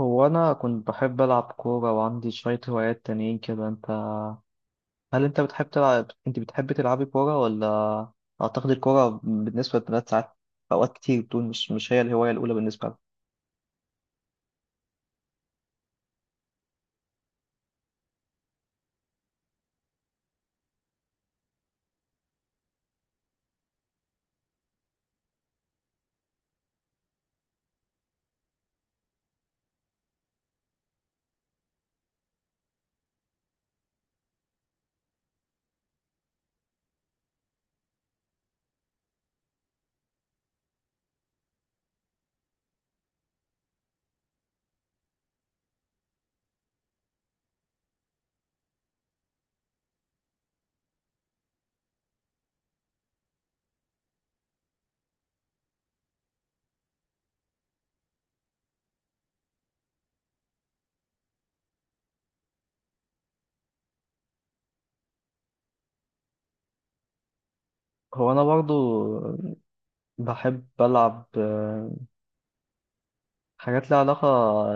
هو أنا كنت بحب ألعب كورة وعندي شوية هوايات تانيين كده. أنت، هل أنت بتحب تلعب، أنت بتحب تلعبي كورة ولا؟ أعتقد الكورة بالنسبة للبنات ساعات، أوقات كتير بتقول مش هي الهواية الأولى بالنسبة لها. هو أنا برضو بحب ألعب حاجات لها علاقة،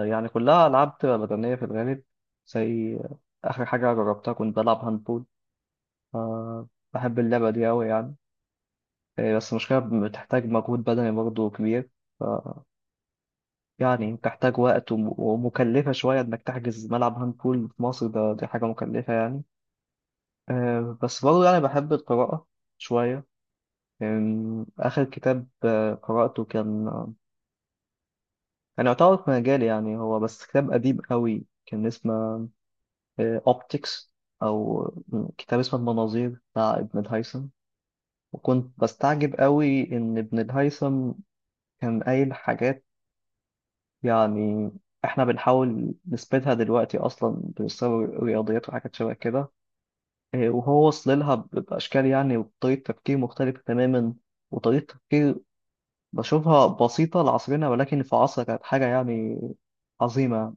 يعني كلها ألعاب بتبقى بدنية في الغالب، زي آخر حاجة جربتها كنت بلعب هاندبول. بحب اللعبة دي أوي يعني. بس المشكلة بتحتاج مجهود بدني برضو كبير. آه، يعني بتحتاج وقت ومكلفة شوية إنك تحجز ملعب هاند بول في مصر، دي حاجة مكلفة يعني. بس برضه يعني بحب القراءة شوية. آخر كتاب قرأته كان يعتبر في مجالي، يعني هو بس كتاب قديم قوي كان اسمه أوبتكس، أو كتاب اسمه المناظير بتاع ابن الهيثم. وكنت بستعجب قوي إن ابن الهيثم كان قايل حاجات يعني احنا بنحاول نثبتها دلوقتي اصلا، بنسوي رياضيات وحاجات شبه كده. إيه، وهو وصل لها باشكال يعني وطريقه تفكير مختلفه تماما، وطريقه تفكير بشوفها بسيطه لعصرنا ولكن في عصرها كانت حاجه يعني عظيمه.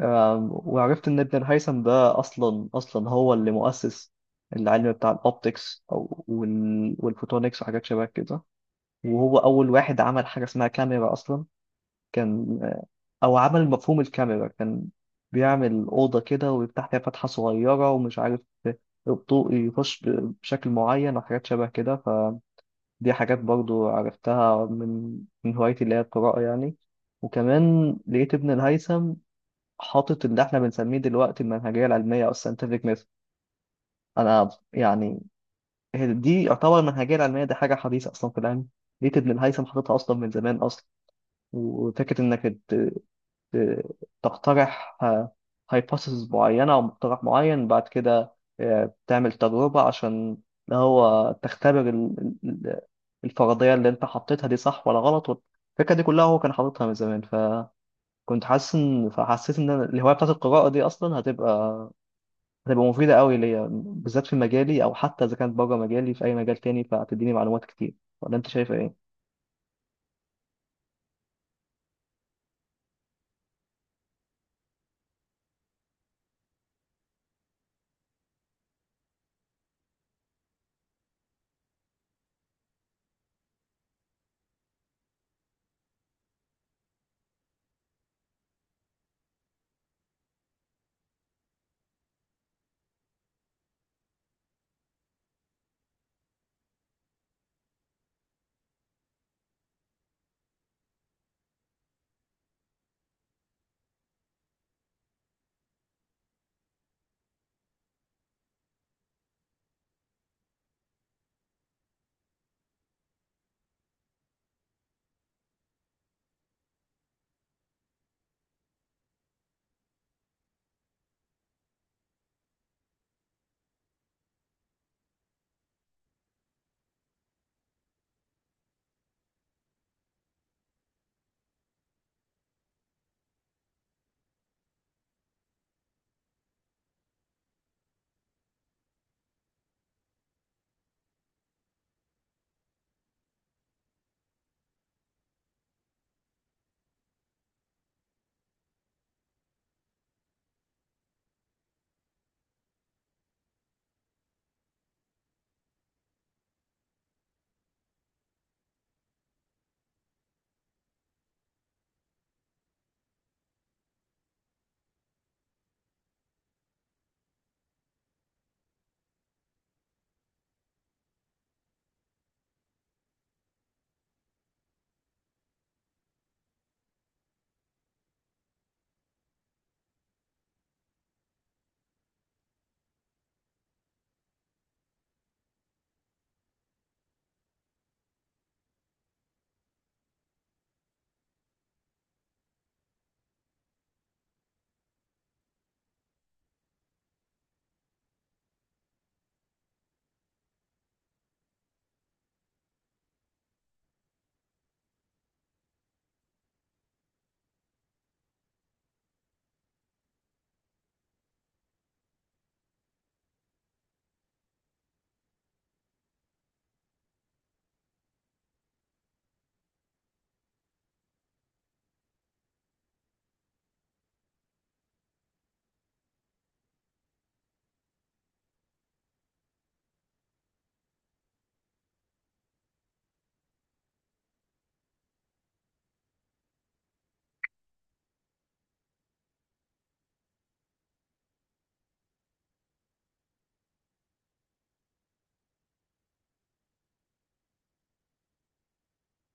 وعرفت ان ابن الهيثم ده اصلا هو اللي مؤسس العلم بتاع الاوبتكس او والفوتونكس وحاجات شبه كده. وهو اول واحد عمل حاجه اسمها كاميرا اصلا، كان او عمل مفهوم الكاميرا، كان بيعمل اوضه كده ويفتح فيها فتحه صغيره ومش عارف الضوء يخش بشكل معين وحاجات شبه كده. فدي حاجات برضو عرفتها من هوايتي اللي هي القراءه يعني. وكمان لقيت ابن الهيثم حاطط اللي احنا بنسميه دلوقتي المنهجيه العلميه او الساينتفك ميثود. انا يعني هي دي يعتبر المنهجيه العلميه دي حاجه حديثه اصلا في العلم، لقيت ابن الهيثم حاططها اصلا من زمان اصلا. وفكره انك ت- تقترح هايبوثيسز معينة أو مقترح معين، بعد كده بتعمل تجربة عشان اللي هو تختبر الفرضية اللي أنت حطيتها دي صح ولا غلط. الفكرة دي كلها هو كان حاططها من زمان، فكنت حاسس إن، فحسيت إن أنا الهواية بتاعت القراءة دي أصلا هتبقى مفيدة قوي ليا بالذات في مجالي، أو حتى إذا كانت بره مجالي في أي مجال تاني فهتديني معلومات كتير. ولا أنت شايف إيه؟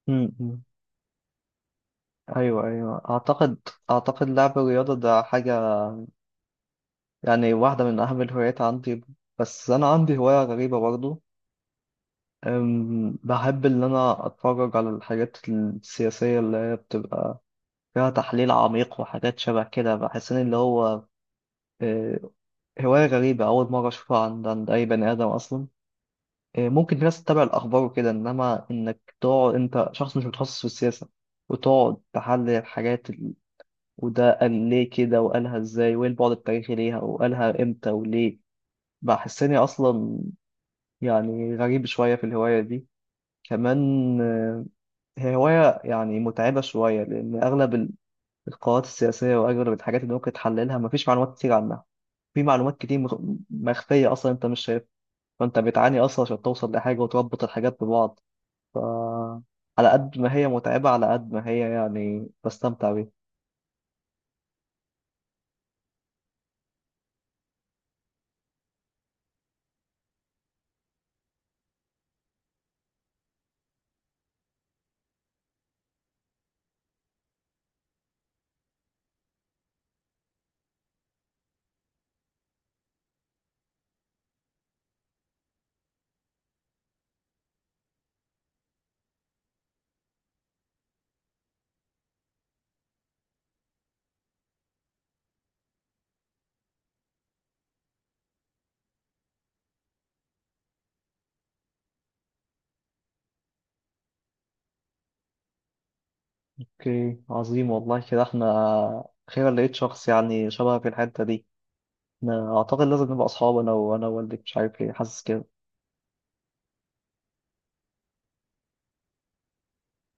م. أيوه، أيوه، أعتقد لعب الرياضة ده حاجة، يعني واحدة من أهم الهوايات عندي. بس أنا عندي هواية غريبة برضو. بحب إن أنا أتفرج على الحاجات السياسية اللي هي بتبقى فيها تحليل عميق وحاجات شبه كده، بحس إن اللي هو أه، هواية غريبة أول مرة أشوفها عند أي بني آدم أصلا. ممكن في ناس تتابع الأخبار وكده، إنما إنك تقعد أنت شخص مش متخصص في السياسة وتقعد تحلل الحاجات، وده قال ليه كده وقالها إزاي وإيه البعد التاريخي ليها وقالها إمتى وليه. بحسني أصلا يعني غريب شوية في الهواية دي. كمان هي هواية يعني متعبة شوية، لأن أغلب القرارات السياسية وأغلب الحاجات اللي ممكن تحللها مفيش معلومات كتير عنها، في معلومات كتير مخفية أصلا أنت مش شايفها، فأنت بتعاني أصلا عشان توصل لحاجة وتربط الحاجات ببعض. ف على قد ما هي متعبة، على قد ما هي يعني بستمتع بيها. أوكي، عظيم والله. كده إحنا أخيرا لقيت شخص يعني شبه في الحتة دي. أنا أعتقد لازم نبقى أصحاب، أنا ووالدك، مش عارف ليه حاسس كده.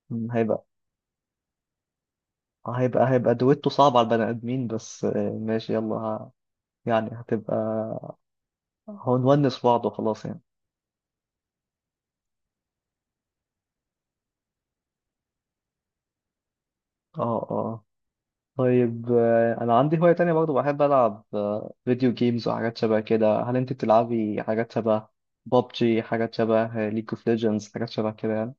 هيبقى. هيبقى دويتو صعب على البني آدمين بس. ماشي، يلا. يعني هتبقى هنونس بعض وخلاص يعني. اه، اه. طيب، انا عندي هواية تانية برضو، بحب العب فيديو جيمز وحاجات شبه كده. هل انت بتلعبي حاجات شبه بابجي، حاجات شبه ليج اوف ليجندز، حاجات شبه كده يعني؟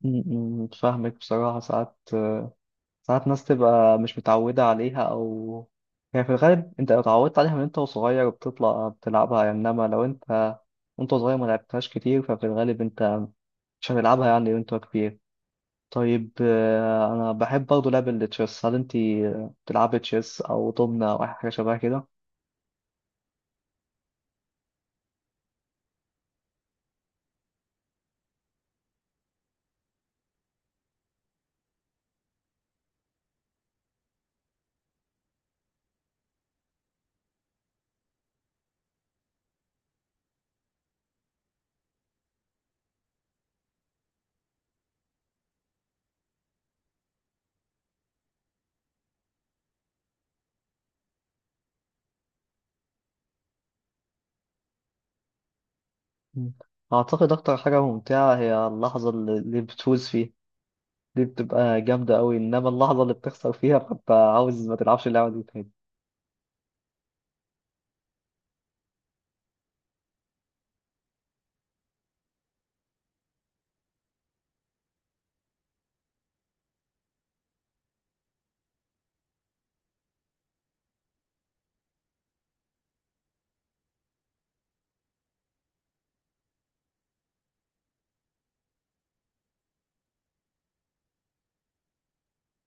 م- م، فاهمك. بصراحة ساعات ساعات ناس تبقى مش متعودة عليها، أو يعني في الغالب أنت لو اتعودت عليها من أنت وصغير بتطلع بتلعبها يعني، إنما لو أنت وأنت صغير ما لعبتهاش كتير ففي الغالب أنت مش هتلعبها يعني وأنت كبير. طيب أنا بحب برضه لعب التشيس. هل أنت بتلعبي تشيس أو دومنة أو أي حاجة شبه كده؟ مم. أعتقد أكتر حاجة ممتعة هي اللحظة اللي بتفوز فيها، دي بتبقى جامدة أوي، إنما اللحظة اللي بتخسر فيها ببقى عاوز ما تلعبش اللعبة دي تاني.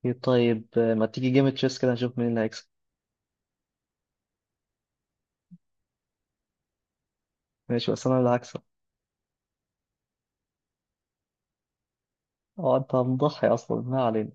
إيه، طيب ما تيجي جيم تشيس كده نشوف مين اللي هيكسب؟ ماشي، بس انا اللي هكسب. اه، انت هنضحي اصلا، ما علينا.